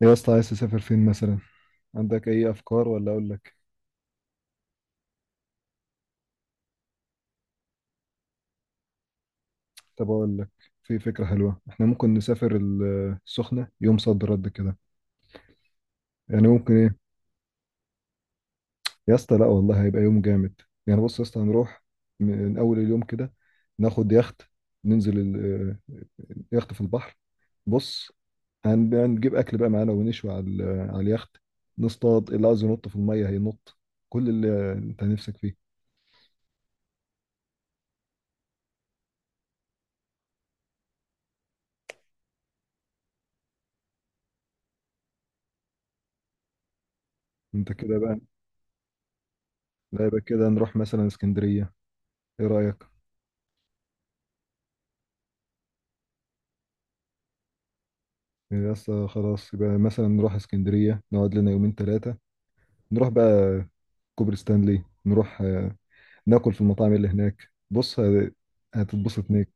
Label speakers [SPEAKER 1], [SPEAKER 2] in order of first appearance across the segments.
[SPEAKER 1] يا اسطى عايز تسافر فين مثلا؟ عندك اي افكار ولا اقول لك؟ طب اقول لك، في فكره حلوه احنا ممكن نسافر السخنه يوم صد رد كده. يعني ممكن ايه. يا اسطى لا والله هيبقى يوم جامد. يعني بص يا اسطى، هنروح من اول اليوم كده، ناخد يخت، ننزل اليخت في البحر. بص، هنجيب اكل بقى معانا ونشوي على على اليخت. نصطاد، اللي عاوز ينط في الميه هينط، كل اللي انت نفسك فيه. انت كده بقى. لا، يبقى كده نروح مثلا اسكندريه. ايه رايك؟ يعني يا اسطى خلاص، يبقى مثلا نروح اسكندرية نقعد لنا يومين ثلاثة. نروح بقى كوبري ستانلي، نروح، ناكل في المطاعم اللي هناك. بص هتتبسط هناك.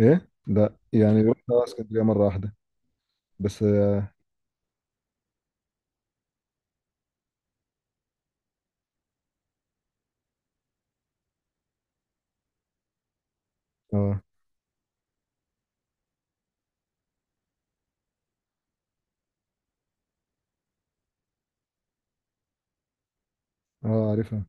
[SPEAKER 1] ايه لا، يعني رحنا اسكندرية مرة واحدة بس. اه. اه. آه، عارفها.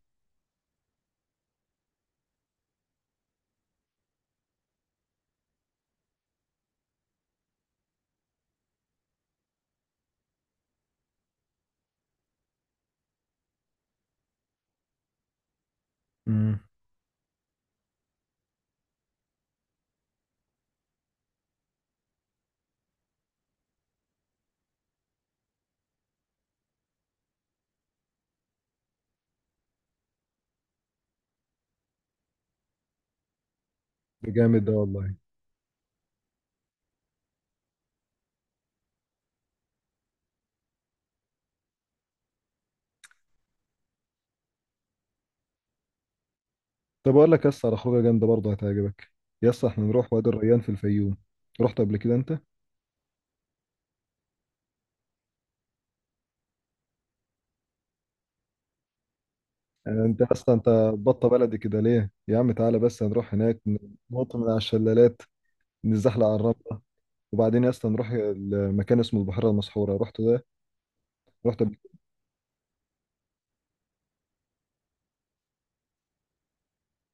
[SPEAKER 1] امم. ده جامد ده والله. طب اقول لك يا اسطى على خروجة جامدة برضه هتعجبك. يا اسطى احنا نروح وادي الريان في الفيوم. رحت قبل كده انت؟ انت اصلا انت بطة بلدي كده ليه يا عم؟ تعالى بس هنروح هناك. ننط من على الشلالات، نزحلق على الرمل، وبعدين يا اسطى نروح المكان اسمه البحيره المسحوره. رحت ده؟ رحت قبل-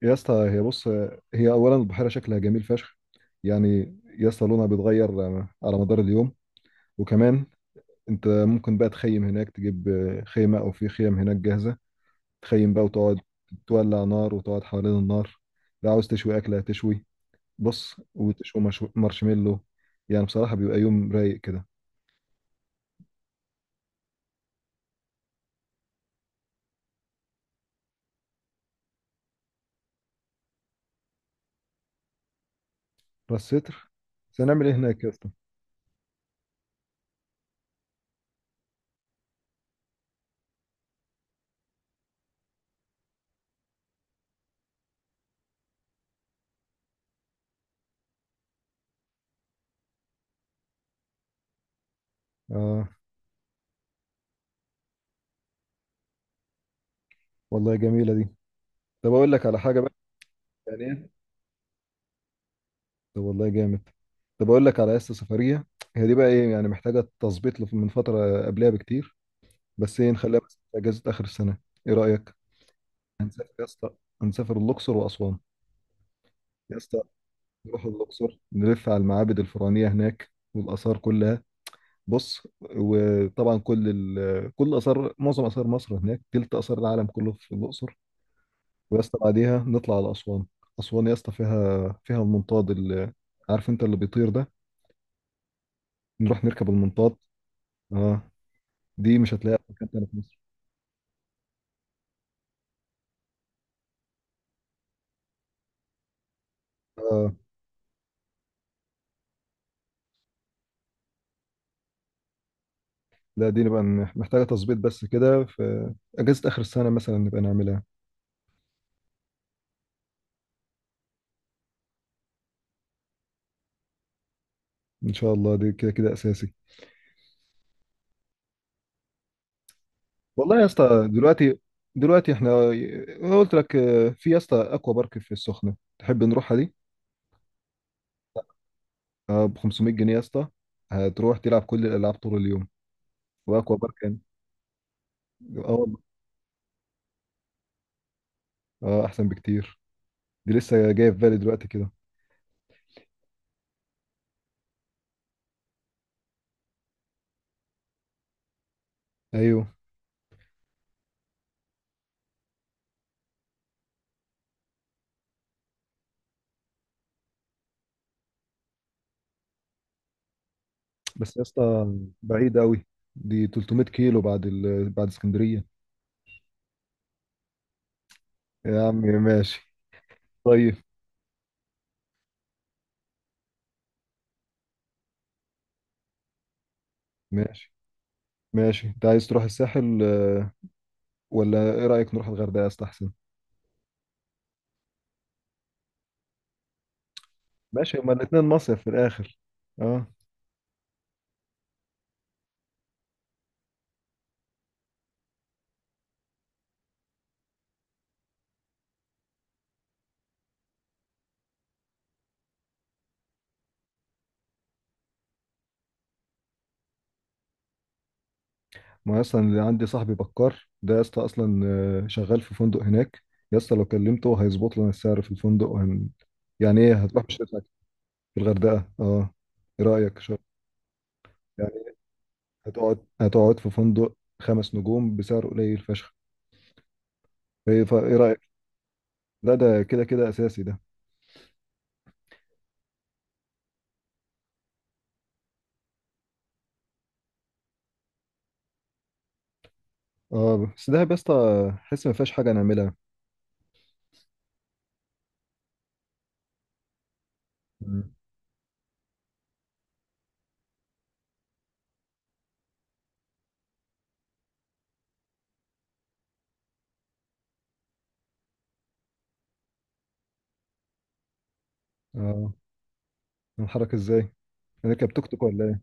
[SPEAKER 1] يا اسطى هي بص، هي اولا البحيره شكلها جميل فشخ. يعني يا اسطى لونها بيتغير على مدار اليوم. وكمان انت ممكن بقى تخيم هناك، تجيب خيمه او في خيم هناك جاهزه. تخيم بقى وتقعد. تولع نار وتقعد حوالين النار. لو عاوز تشوي اكله تشوي. بص وتشوي مارشميلو. يعني بصراحه بيبقى يوم رايق كده. بس ستر. بس هنعمل ايه هناك يا اسطى؟ اه. والله جميله دي. طب اقول لك على حاجه بقى. يعني إيه؟ طب والله جامد. طب اقول لك على قصه سفريه. هي دي بقى ايه، يعني محتاجه تظبيط، من فتره قبلها بكتير. بس ايه، نخليها بس في اجازه اخر السنه. ايه رايك؟ هنسافر يا اسطى. هنسافر الاقصر واسوان. يا اسطى نروح الاقصر نلف على المعابد الفرعونيه هناك والاثار كلها. بص، وطبعا كل اثار، معظم اثار مصر هناك، تلت اثار العالم كله في الاقصر. ويا اسطى بعديها نطلع على اسوان. اسوان يا اسطى فيها، المنطاد اللي، عارف انت اللي بيطير ده. نروح نركب المنطاد. اه. دي مش هتلاقيها في مكان تاني في مصر. اه لا، دي نبقى محتاجة تظبيط بس كده، في أجازة آخر السنة مثلا نبقى نعملها. إن شاء الله دي كده كده أساسي. والله يا اسطى دلوقتي احنا، أنا قلت لك، في يا اسطى أكوا بارك في السخنة، تحب نروحها دي؟ ب 500 جنيه يا اسطى، هتروح تلعب كل الألعاب طول اليوم. وأكوا بارك يعني. اه والله. اه أحسن بكتير. دي لسه جاية في بالي دلوقتي كده. أيوه بس يا اسطى بعيد أوي. دي 300 كيلو بعد بعد اسكندرية. يا عم ماشي. طيب. ماشي، ماشي، انت عايز تروح الساحل، ولا ايه رأيك نروح الغردقة استحسن؟ ماشي، هما الاتنين مصيف في الاخر. اه. ما اصلا اللي عندي صاحبي بكار ده يا اسطى، اصلا شغال في فندق هناك. يا اسطى لو كلمته هيظبط لنا السعر في الفندق، وهن... يعني ايه هتروح مش هتاكل. في الغردقة اه. ايه رأيك شو؟ يعني هتقعد في فندق خمس نجوم بسعر قليل فشخ. ايه إيه رأيك؟ لا، ده كده كده اساسي ده. اه، بس ده يا اسطى حس ما فيهاش حاجة نعملها. مم. اه. نتحرك ازاي، نركب توك توك ولا ايه؟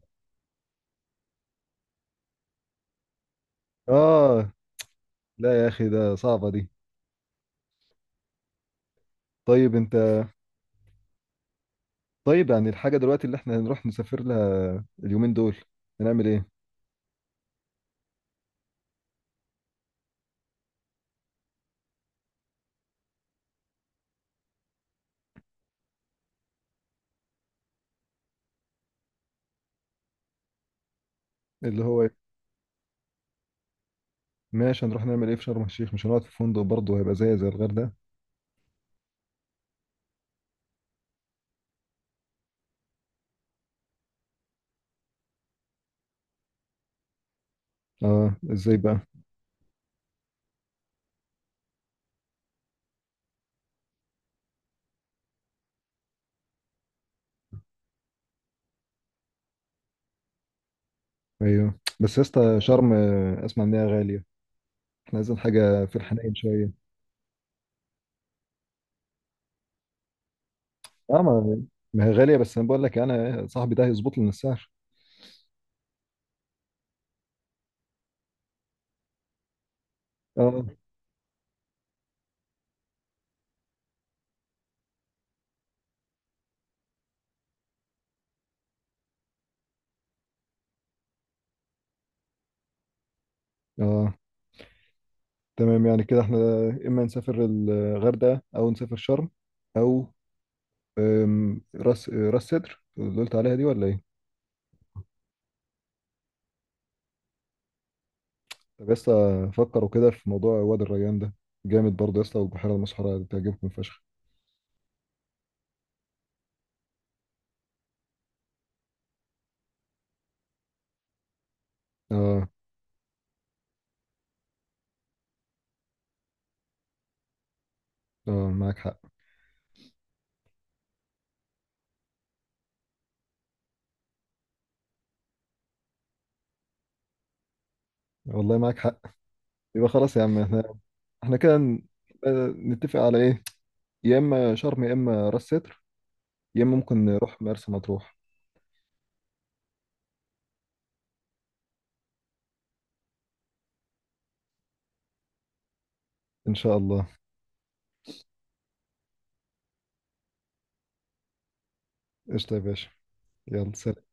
[SPEAKER 1] اه لا يا اخي، ده صعبة دي. طيب انت. طيب يعني الحاجة دلوقتي اللي احنا هنروح نسافر لها اليومين دول، هنعمل ايه؟ اللي هو إيه؟ ماشي، هنروح نعمل ايه في شرم الشيخ؟ مش هنقعد في فندق برضه، هيبقى زي الغردقة. اه، ازاي بقى؟ ايوه بس يا اسطى شرم، اسمع ان هي غالية. احنا عايزين حاجة في الحنين شوية. اه، ما هي غالية، بس انا بقول لك انا صاحبي ده هيظبط لنا السعر. اه. اه تمام. يعني كده احنا اما نسافر الغردقة، او نسافر شرم، او راس سدر اللي قلت عليها دي، ولا ايه؟ طب يا اسطى فكروا كده في موضوع وادي الريان ده، جامد برضه يا اسطى، والبحيرة المسحورة تعجبكم فشخ. اه. اه معاك حق. والله معاك حق. يبقى خلاص يا عم، احنا، احنا كده نتفق على ايه. يا اما شرم، يا اما راس سدر، يا اما ممكن نروح مرسى مطروح. ان شاء الله. قشطة يا باشا، يلا سلام.